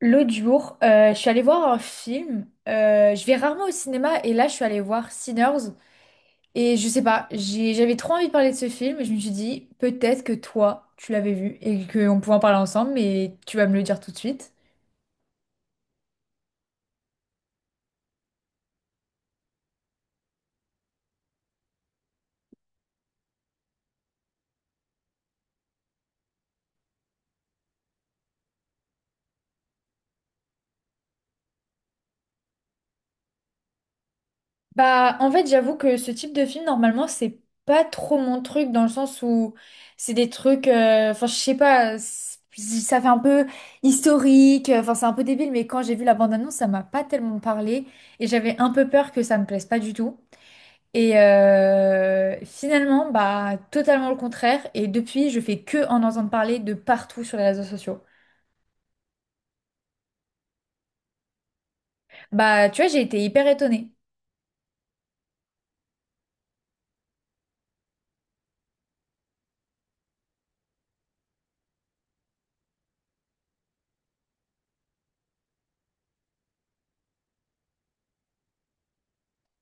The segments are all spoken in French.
L'autre jour, je suis allée voir un film. Je vais rarement au cinéma et là, je suis allée voir Sinners. Et je sais pas, j'avais trop envie de parler de ce film et je me suis dit, peut-être que toi, tu l'avais vu et qu'on pouvait en parler ensemble, mais tu vas me le dire tout de suite. Bah, en fait, j'avoue que ce type de film, normalement, c'est pas trop mon truc dans le sens où c'est des trucs, enfin, je sais pas, ça fait un peu historique, enfin, c'est un peu débile, mais quand j'ai vu la bande-annonce, ça m'a pas tellement parlé et j'avais un peu peur que ça me plaise pas du tout. Et finalement, bah, totalement le contraire. Et depuis, je fais que en entendre parler de partout sur les réseaux sociaux. Bah, tu vois, j'ai été hyper étonnée.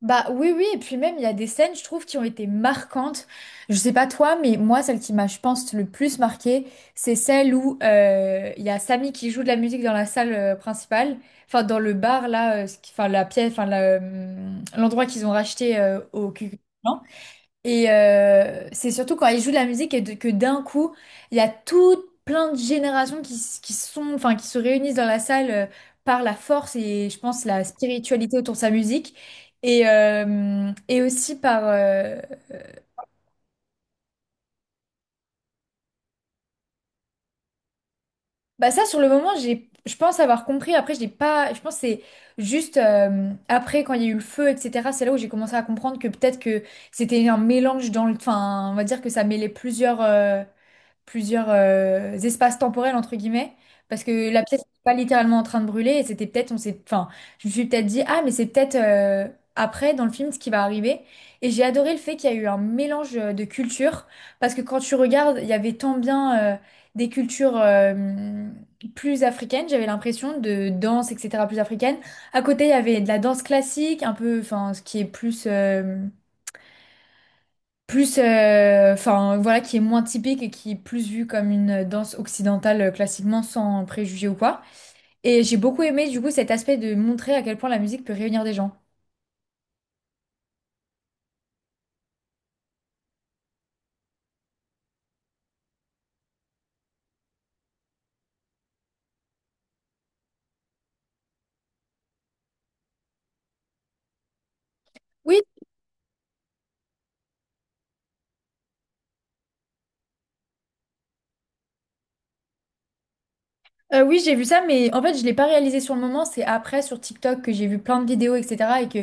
Bah oui, oui, et puis même, il y a des scènes, je trouve, qui ont été marquantes. Je sais pas toi, mais moi, celle qui m'a, je pense, le plus marquée, c'est celle où il y a Samy qui joue de la musique dans la salle principale, enfin, dans le bar, là, enfin, la pièce, enfin, la, l'endroit qu'ils ont racheté au QQ. Et c'est surtout quand ils jouent de la musique que d'un coup, il y a tout plein de générations qui sont, enfin, qui se réunissent dans la salle par la force et je pense la spiritualité autour de sa musique. Et aussi par. Bah ça, sur le moment, je pense avoir compris. Après, je n'ai pas... Je pense que c'est juste après, quand il y a eu le feu, etc., c'est là où j'ai commencé à comprendre que peut-être que c'était un mélange dans le... Enfin, on va dire que ça mêlait plusieurs espaces temporels entre guillemets parce que la pièce n'était pas littéralement en train de brûler et c'était peut-être on s'est enfin je me suis peut-être dit ah mais c'est peut-être après dans le film ce qui va arriver et j'ai adoré le fait qu'il y a eu un mélange de cultures parce que quand tu regardes il y avait tant bien des cultures plus africaines j'avais l'impression de danse etc plus africaine à côté il y avait de la danse classique un peu enfin ce qui est plus enfin voilà qui est moins typique et qui est plus vue comme une danse occidentale classiquement sans préjugés ou quoi. Et j'ai beaucoup aimé du coup cet aspect de montrer à quel point la musique peut réunir des gens. Oui, oui, j'ai vu ça, mais en fait, je l'ai pas réalisé sur le moment. C'est après sur TikTok que j'ai vu plein de vidéos, etc. Et que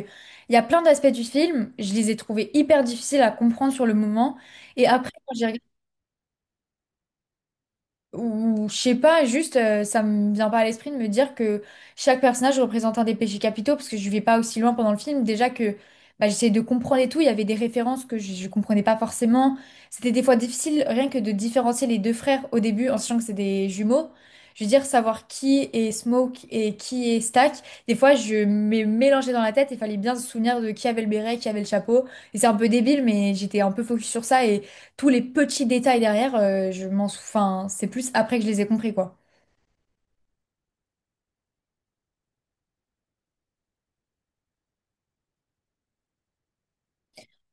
il y a plein d'aspects du film, je les ai trouvés hyper difficiles à comprendre sur le moment. Et après, quand j'ai regardé ou je sais pas, juste ça me vient pas à l'esprit de me dire que chaque personnage représente un des péchés capitaux parce que je vais pas aussi loin pendant le film. Déjà que bah, j'essayais de comprendre et tout, il y avait des références que je comprenais pas forcément. C'était des fois difficile rien que de différencier les deux frères au début en sachant que c'est des jumeaux. Je veux dire, savoir qui est Smoke et qui est Stack, des fois je me mélangeais dans la tête et fallait bien se souvenir de qui avait le béret, qui avait le chapeau. Et c'est un peu débile, mais j'étais un peu focus sur ça tous les petits détails derrière, enfin, c'est plus après que je les ai compris, quoi.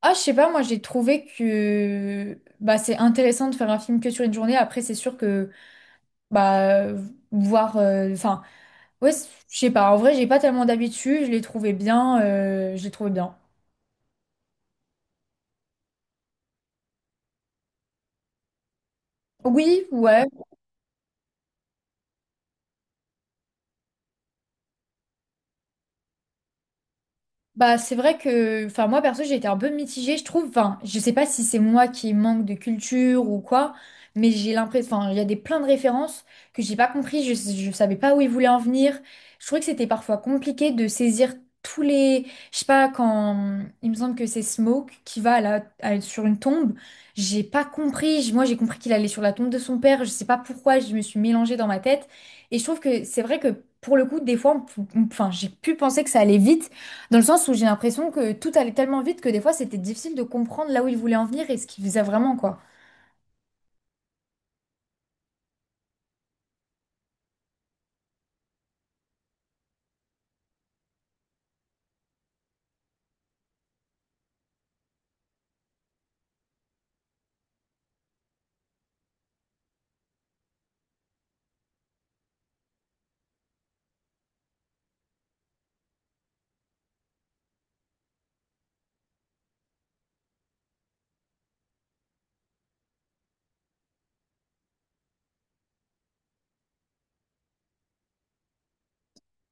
Ah, je sais pas, moi j'ai trouvé que bah, c'est intéressant de faire un film que sur une journée. Après, c'est sûr que bah voir, enfin, ouais, je sais pas. En vrai, j'ai pas tellement d'habitude. Je l'ai trouvé bien, je l'ai trouvé bien. Oui, ouais. Bah, c'est vrai que, enfin, moi perso, j'ai été un peu mitigée, je trouve. Enfin, je sais pas si c'est moi qui manque de culture ou quoi, mais j'ai l'impression, enfin, il y a des plein de références que j'ai pas compris, je savais pas où ils voulaient en venir. Je trouvais que c'était parfois compliqué de saisir tous les, je sais pas, quand il me semble que c'est Smoke qui va sur une tombe, j'ai pas compris. Moi, j'ai compris qu'il allait sur la tombe de son père, je sais pas pourquoi, je me suis mélangée dans ma tête. Et je trouve que c'est vrai que pour le coup, des fois, enfin, j'ai pu penser que ça allait vite. Dans le sens où j'ai l'impression que tout allait tellement vite que des fois c'était difficile de comprendre là où il voulait en venir et ce qu'il faisait vraiment, quoi.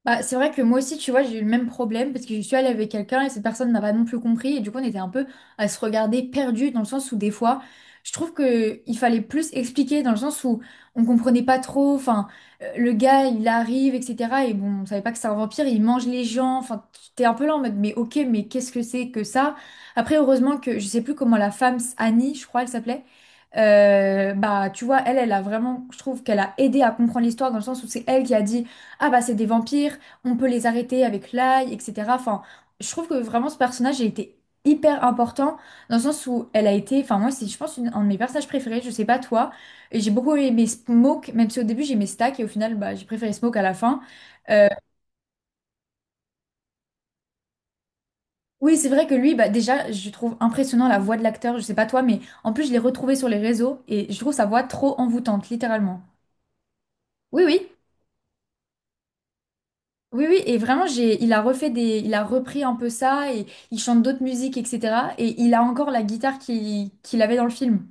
Bah, c'est vrai que moi aussi, tu vois, j'ai eu le même problème parce que je suis allée avec quelqu'un et cette personne n'a pas non plus compris. Et du coup, on était un peu à se regarder perdu dans le sens où des fois, je trouve que il fallait plus expliquer dans le sens où on comprenait pas trop. Enfin, le gars, il arrive, etc. Et bon, on savait pas que c'est un vampire, il mange les gens. Enfin, t'es un peu là en mode, mais ok, mais qu'est-ce que c'est que ça? Après, heureusement que je sais plus comment la femme, Annie, je crois, elle s'appelait. Bah, tu vois, elle, elle a vraiment, je trouve qu'elle a aidé à comprendre l'histoire dans le sens où c'est elle qui a dit. Ah bah c'est des vampires, on peut les arrêter avec l'ail, etc. Enfin, je trouve que vraiment ce personnage a été hyper important dans le sens où elle a été, enfin moi c'est je pense un de mes personnages préférés, je sais pas toi, et j'ai beaucoup aimé Smoke, même si au début j'aimais Stack et au final bah, j'ai préféré Smoke à la fin. Euh, oui c'est vrai que lui, bah déjà je trouve impressionnant la voix de l'acteur, je sais pas toi, mais en plus je l'ai retrouvé sur les réseaux et je trouve sa voix trop envoûtante, littéralement. Oui oui. Oui, oui, et vraiment, il a refait des, il a repris un peu ça et il chante d'autres musiques, etc. Et il a encore la guitare qu'il avait dans le film.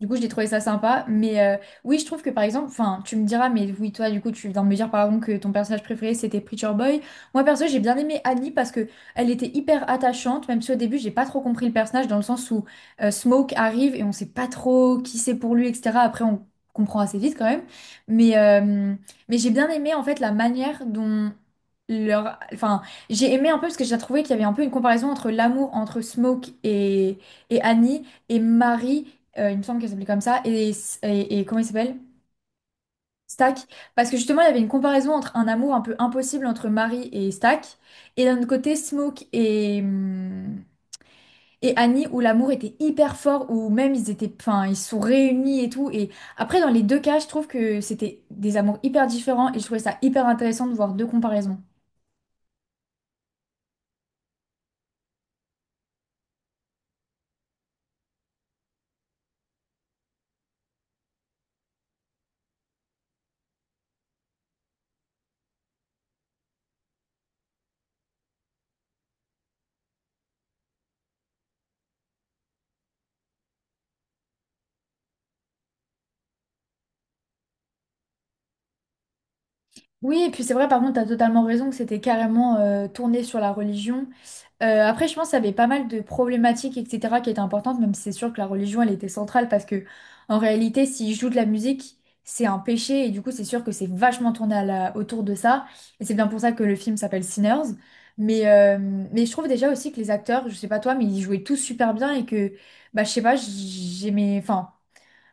Du coup, j'ai trouvé ça sympa. Mais oui, je trouve que par exemple, enfin, tu me diras, mais oui, toi, du coup, tu viens de me dire par exemple que ton personnage préféré c'était Preacher Boy. Moi, perso, j'ai bien aimé Annie parce que elle était hyper attachante, même si au début, j'ai pas trop compris le personnage dans le sens où Smoke arrive et on sait pas trop qui c'est pour lui, etc. Après, on comprend assez vite quand même. Mais, euh, mais j'ai bien aimé en fait la manière dont leur. Enfin, j'ai aimé un peu parce que j'ai trouvé qu'il y avait un peu une comparaison entre l'amour entre et Annie et Marie. Il me semble qu'elle s'appelait comme ça. Et, et comment il s'appelle? Stack. Parce que justement, il y avait une comparaison entre un amour un peu impossible entre Marie et Stack, et d'un autre côté, Smoke et Annie, où l'amour était hyper fort, où même ils étaient, enfin, ils se sont réunis et tout. Et après, dans les deux cas, je trouve que c'était des amours hyper différents, et je trouvais ça hyper intéressant de voir deux comparaisons. Oui, et puis c'est vrai, par contre, tu as totalement raison que c'était carrément tourné sur la religion. Après, je pense qu'il y avait pas mal de problématiques, etc., qui étaient importantes, même si c'est sûr que la religion, elle était centrale, parce que en réalité, s'ils jouent de la musique, c'est un péché, et du coup, c'est sûr que c'est vachement tourné autour de ça, et c'est bien pour ça que le film s'appelle Sinners. Mais, euh, mais je trouve déjà aussi que les acteurs, je sais pas toi, mais ils jouaient tous super bien, et que, bah, je sais pas, j'aimais, enfin,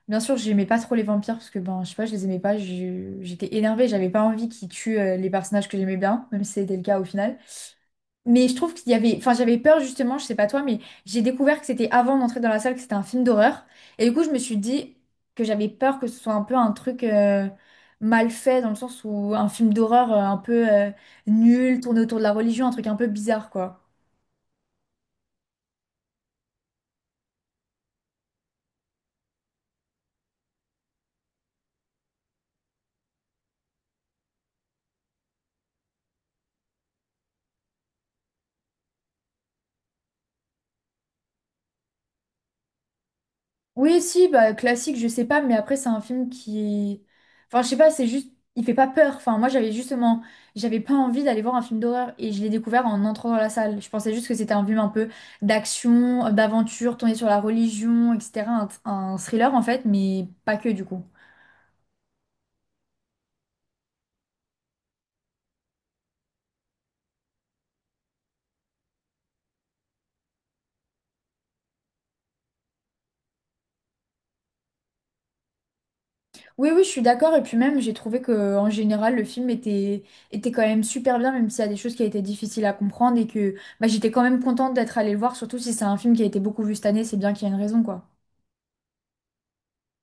bien sûr, j'aimais pas trop les vampires parce que ben, je sais pas, je les aimais pas. J'étais énervée, j'avais pas envie qu'ils tuent les personnages que j'aimais bien, même si c'était le cas au final. Mais je trouve qu'il y avait, enfin, j'avais peur justement, je sais pas toi, mais j'ai découvert que c'était avant d'entrer dans la salle que c'était un film d'horreur. Et du coup, je me suis dit que j'avais peur que ce soit un peu un truc mal fait dans le sens où un film d'horreur un peu nul, tourné autour de la religion, un truc un peu bizarre quoi. Oui, si, bah, classique, je sais pas, mais après, c'est un film qui. Enfin, je sais pas, c'est juste. Il fait pas peur. Enfin, moi, j'avais justement. J'avais pas envie d'aller voir un film d'horreur et je l'ai découvert en entrant dans la salle. Je pensais juste que c'était un film un peu d'action, d'aventure, tourné sur la religion, etc. Un thriller, en fait, mais pas que du coup. Oui, oui, je suis d'accord. Et puis même, j'ai trouvé que en général, le film était, était quand même super bien, même s'il y a des choses qui étaient difficiles à comprendre et que bah, j'étais quand même contente d'être allée le voir, surtout si c'est un film qui a été beaucoup vu cette année, c'est bien qu'il y a une raison, quoi.